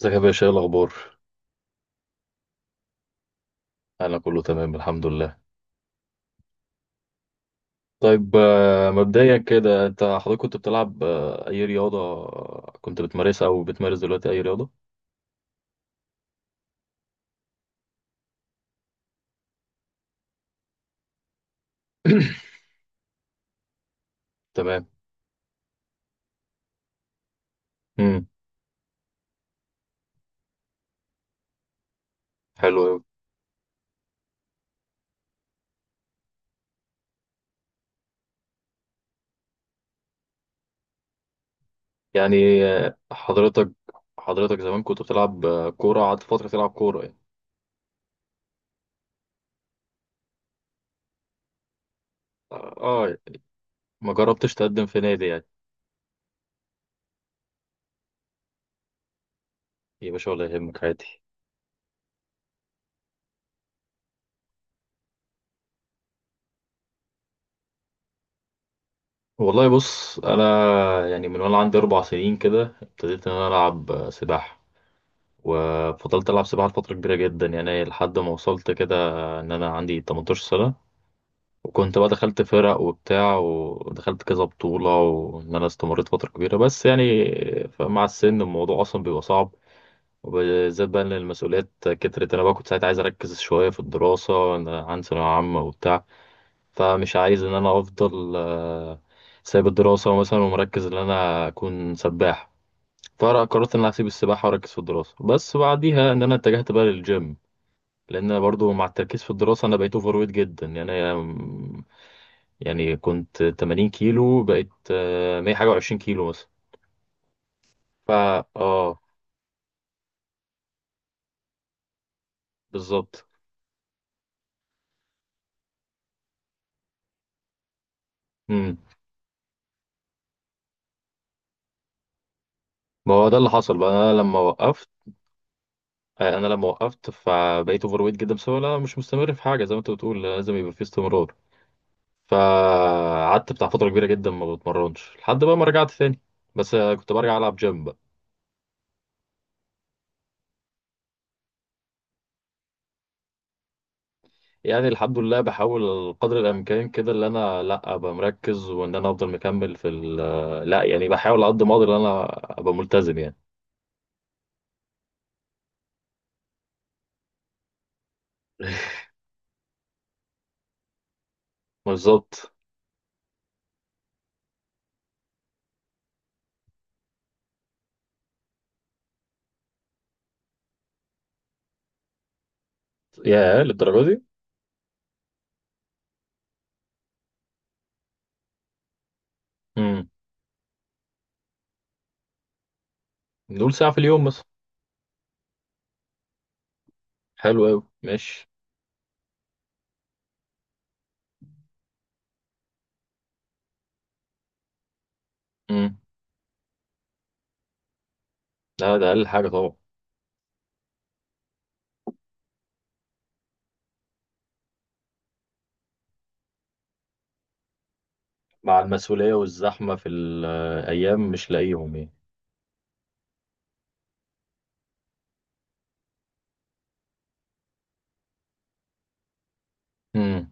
ازيك يا باشا؟ ايه الاخبار؟ انا كله تمام الحمد لله. طيب، مبدئيا كده انت حضرتك كنت بتلعب اي رياضه؟ كنت بتمارسها او بتمارس دلوقتي اي رياضه؟ تمام. امم، حلو قوي. يعني حضرتك زمان كنت بتلعب كوره، قعدت فتره تلعب كوره يعني؟ اه، ما جربتش تقدم في نادي يعني؟ يا باشا ولا يهمك، عادي. والله بص انا، يعني من وانا عندي 4 سنين كده ابتديت ان انا العب سباحه، وفضلت ألعب سباحة لفترة كبيرة جدا يعني لحد ما وصلت كده إن أنا عندي 18 سنة. وكنت بقى دخلت فرق وبتاع ودخلت كذا بطولة وإن أنا استمريت فترة كبيرة، بس يعني مع السن الموضوع أصلا بيبقى صعب. وبالذات بقى إن المسؤوليات كترت، أنا بقى كنت ساعتها عايز أركز شوية في الدراسة إن أنا عندي ثانوية عامة وبتاع. فمش عايز إن أنا أفضل سايب الدراسة مثلا ومركز إن أنا أكون سباح. فقرأ قررت ان انا هسيب السباحه واركز في الدراسه، بس بعديها ان انا اتجهت بقى للجيم، لان انا برضو مع التركيز في الدراسه انا بقيت اوفر ويت جدا، يعني يعني كنت 80 كيلو بقيت 100 حاجه و20 كيلو مثلا. فا اه، بالظبط. امم ما هو ده اللي حصل بقى انا لما وقفت. انا لما وقفت فبقيت اوفر ويت جدا بسبب إن انا مش مستمر في حاجه، زي ما انت بتقول لازم يبقى في استمرار. فقعدت بتاع فتره كبيره جدا ما بتمرنش لحد بقى ما رجعت تاني. بس كنت برجع العب جيم. يعني الحمد لله بحاول قدر الامكان كده ان انا لا ابقى مركز وان انا افضل مكمل في ال آه، لا يعني بحاول على قد ما اقدر ان انا ابقى ملتزم يعني. بالظبط. يا للدرجه دي. امم نقول ساعه في اليوم مثلا. حلو قوي، ماشي. امم. لا ده اقل حاجه طبعا. مع المسؤوليه والزحمه في الايام مش لاقيهم يعني. امم،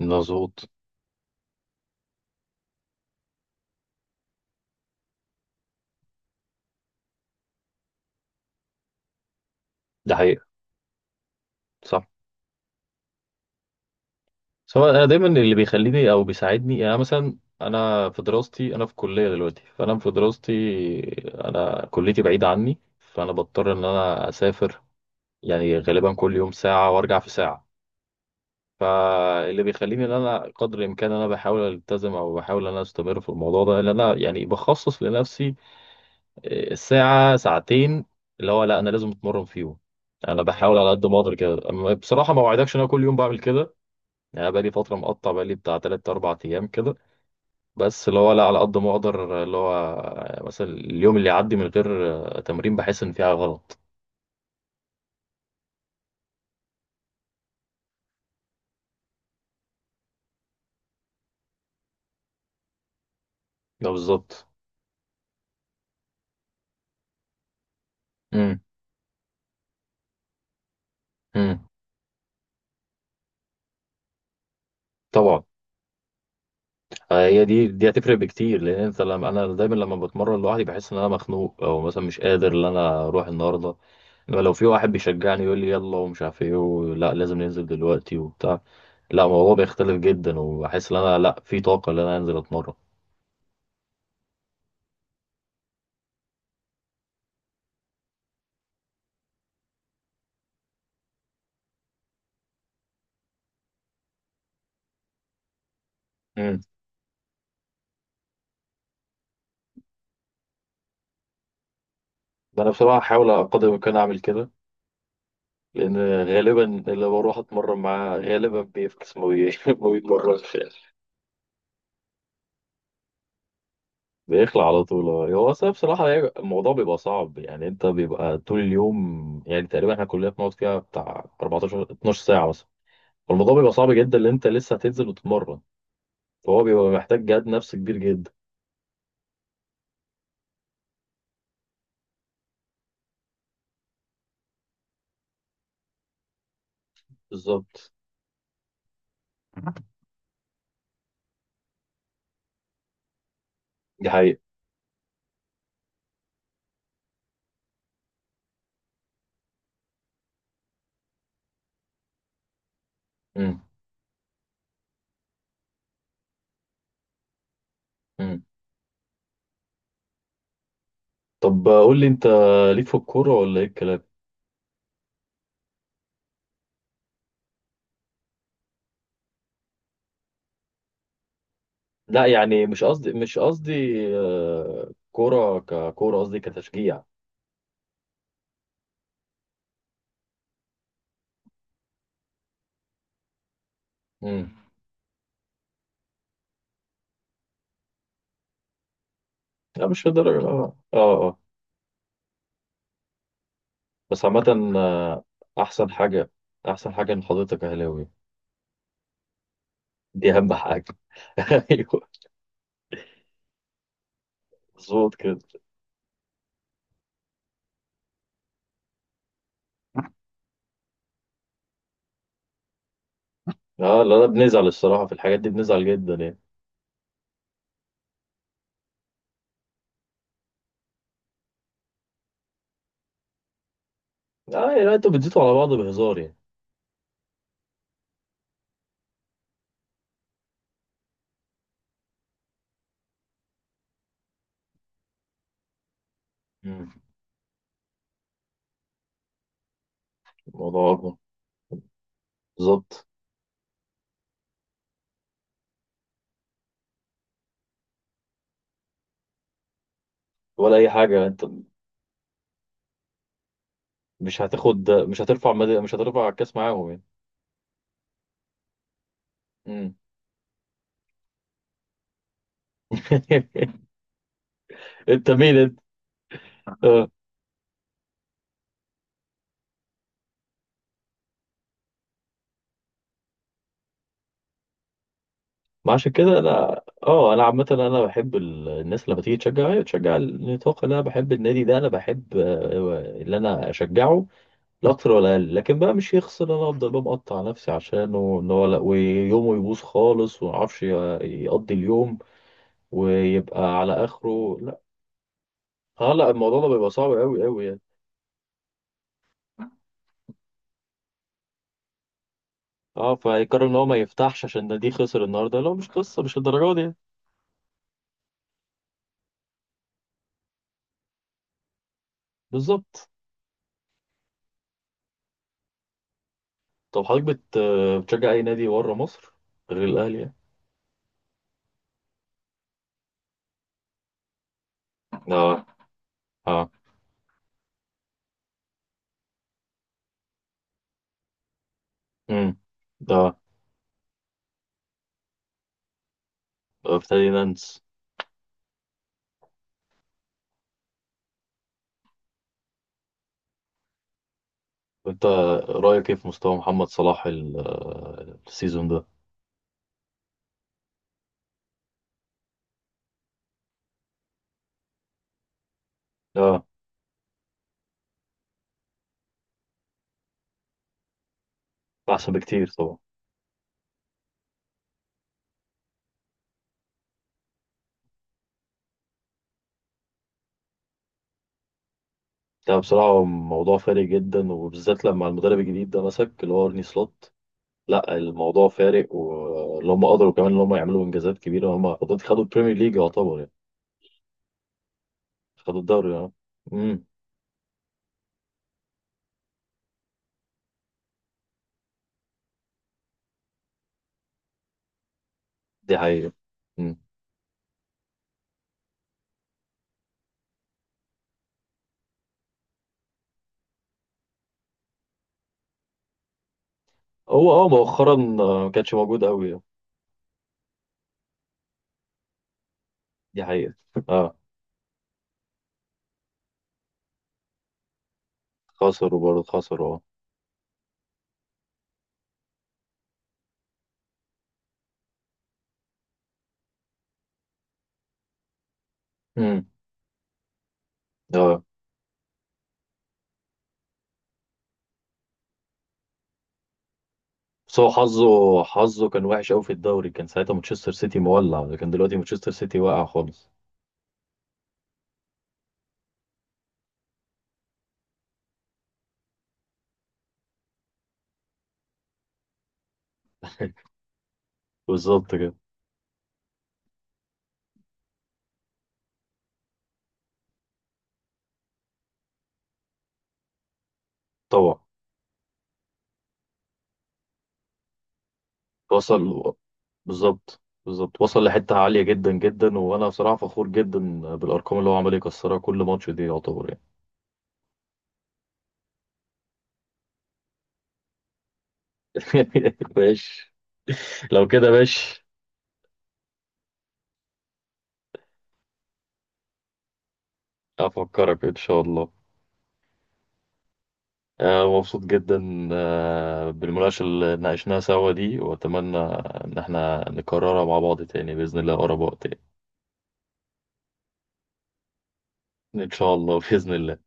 مظبوط. ده حقيقه. صح. بس هو انا دايما اللي بيخليني او بيساعدني، يعني أنا مثلا انا في دراستي، انا في كليه دلوقتي، فانا في دراستي انا كليتي بعيده عني فانا بضطر ان انا اسافر، يعني غالبا كل يوم ساعه وارجع في ساعه. فاللي بيخليني ان انا قدر الامكان انا بحاول التزم او بحاول ان انا استمر في الموضوع ده، ان انا يعني بخصص لنفسي ساعه ساعتين اللي هو لا انا لازم اتمرن فيهم. انا بحاول على قد ما اقدر كده، أما بصراحه ما اوعدكش ان انا كل يوم بعمل كده. يعني أنا بقالي فترة مقطع، بقالي بتاع تلات أربع أيام كده، بس اللي هو لا على قد ما أقدر اللي هو مثلا اليوم اللي يعدي من غير تمرين بحس إن في حاجة غلط. ده بالظبط. امم. امم، طبعا. هي دي هتفرق بكتير، لأن أنت لما أنا دايما لما بتمرن لوحدي بحس إن أنا مخنوق، أو مثلا مش قادر إن أنا أروح النهاردة. إنما لو في واحد بيشجعني يقول لي يلا ومش عارف إيه ولا لازم ننزل دلوقتي وبتاع، لا الموضوع بيختلف جدا وبحس إن أنا لا في طاقة إن أنا أنزل أتمرن. ده انا بصراحه هحاول على قدر الامكان اعمل كده، لان غالبا اللي بروح اتمرن معاه غالبا بيفكس ما بي- ما بيتمرنش يعني. بيخلع على طول، هو أصل بصراحه يعني الموضوع بيبقى صعب، يعني انت بيبقى طول اليوم يعني تقريبا احنا كلنا بنقعد فيها بتاع 14 12 ساعه مثلا. والموضوع بيبقى صعب جدا ان انت لسه هتنزل وتتمرن، فهو بيبقى محتاج جهد نفسي كبير جدا. بالظبط، دي حقيقه. امم. امم. طب قول لي انت، ليك في الكوره ولا ايه الكلام؟ لا يعني مش قصدي كرة ككرة، قصدي كتشجيع. امم. لا مش للدرجة، اه اه اه. بس عامة آه، أحسن حاجة، أحسن حاجة إن حضرتك أهلاوي. دي أهم حاجة. أيوه. مظبوط كده. اه لا لا، بنزعل الصراحة في الحاجات دي بنزعل جدا يعني. اه يعني انتوا بتزيتوا على بعض بهزار يعني؟ مم. الموضوع أكبر. بالظبط. ولا أي حاجة. انت مش هتاخد، مش هترفع مش هترفع الكاس معاهم يعني. مم. انت مين انت؟ آه. ما عشان كده انا اه انا عامه انا بحب الناس لما تيجي تشجع هي تشجع النطاق، اللي انا بحب النادي ده، انا بحب اللي انا اشجعه. لا اكتر ولا اقل، لكن بقى مش يخسر إن انا افضل بقى مقطع نفسي عشانه ان هو لا، ويومه يبوظ خالص وما اعرفش يقضي اليوم ويبقى على اخره، لا. اه لا الموضوع ده بيبقى صعب قوي قوي يعني. اه، فيقرر ان هو ما يفتحش عشان النادي خسر النهارده، لا مش قصه مش الدرجه دي يعني. بالظبط. طب حضرتك بتشجع اي نادي بره مصر غير الاهلي يعني؟ اه. اه. امم. ده فيرتينانز. وانت رايك ايه في مستوى محمد صلاح السيزون ده؟ اه، احسن بكتير طبعا. ده بصراحه موضوع فارق جدا، وبالذات لما المدرب الجديد ده مسك، اللي هو ارني سلوت. لا الموضوع فارق، واللي هم قدروا كمان ان هم يعملوا انجازات كبيره، هم خدوا البريمير ليج يعتبر يعني. خدوا الدوري اه. امم. دي حقيقه. امم. هو اه مؤخرا ما كانش موجود قوي. دي حقيقه. اه خسروا برضه خسروا اه. امم. اه بس هو حظه كان وحش قوي في الدوري، كان ساعتها مانشستر سيتي مولع، لكن دلوقتي مانشستر سيتي واقع خالص. بالظبط كده. طبعا. وصل. بالظبط بالظبط، وصل لحتة عالية جدا جدا، وانا بصراحة فخور جدا بالارقام اللي هو عمال يكسرها كل ماتش، دي يعتبر يعني. ماشي. لو كده ماشي. افكرك ان شاء الله. مبسوط جدا بالمناقشة اللي ناقشناها سوا دي، واتمنى ان احنا نكررها مع بعض تاني بإذن الله اقرب وقت يعني. ان شاء الله بإذن الله.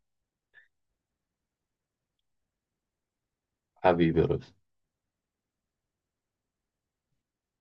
حبيبي يا رب.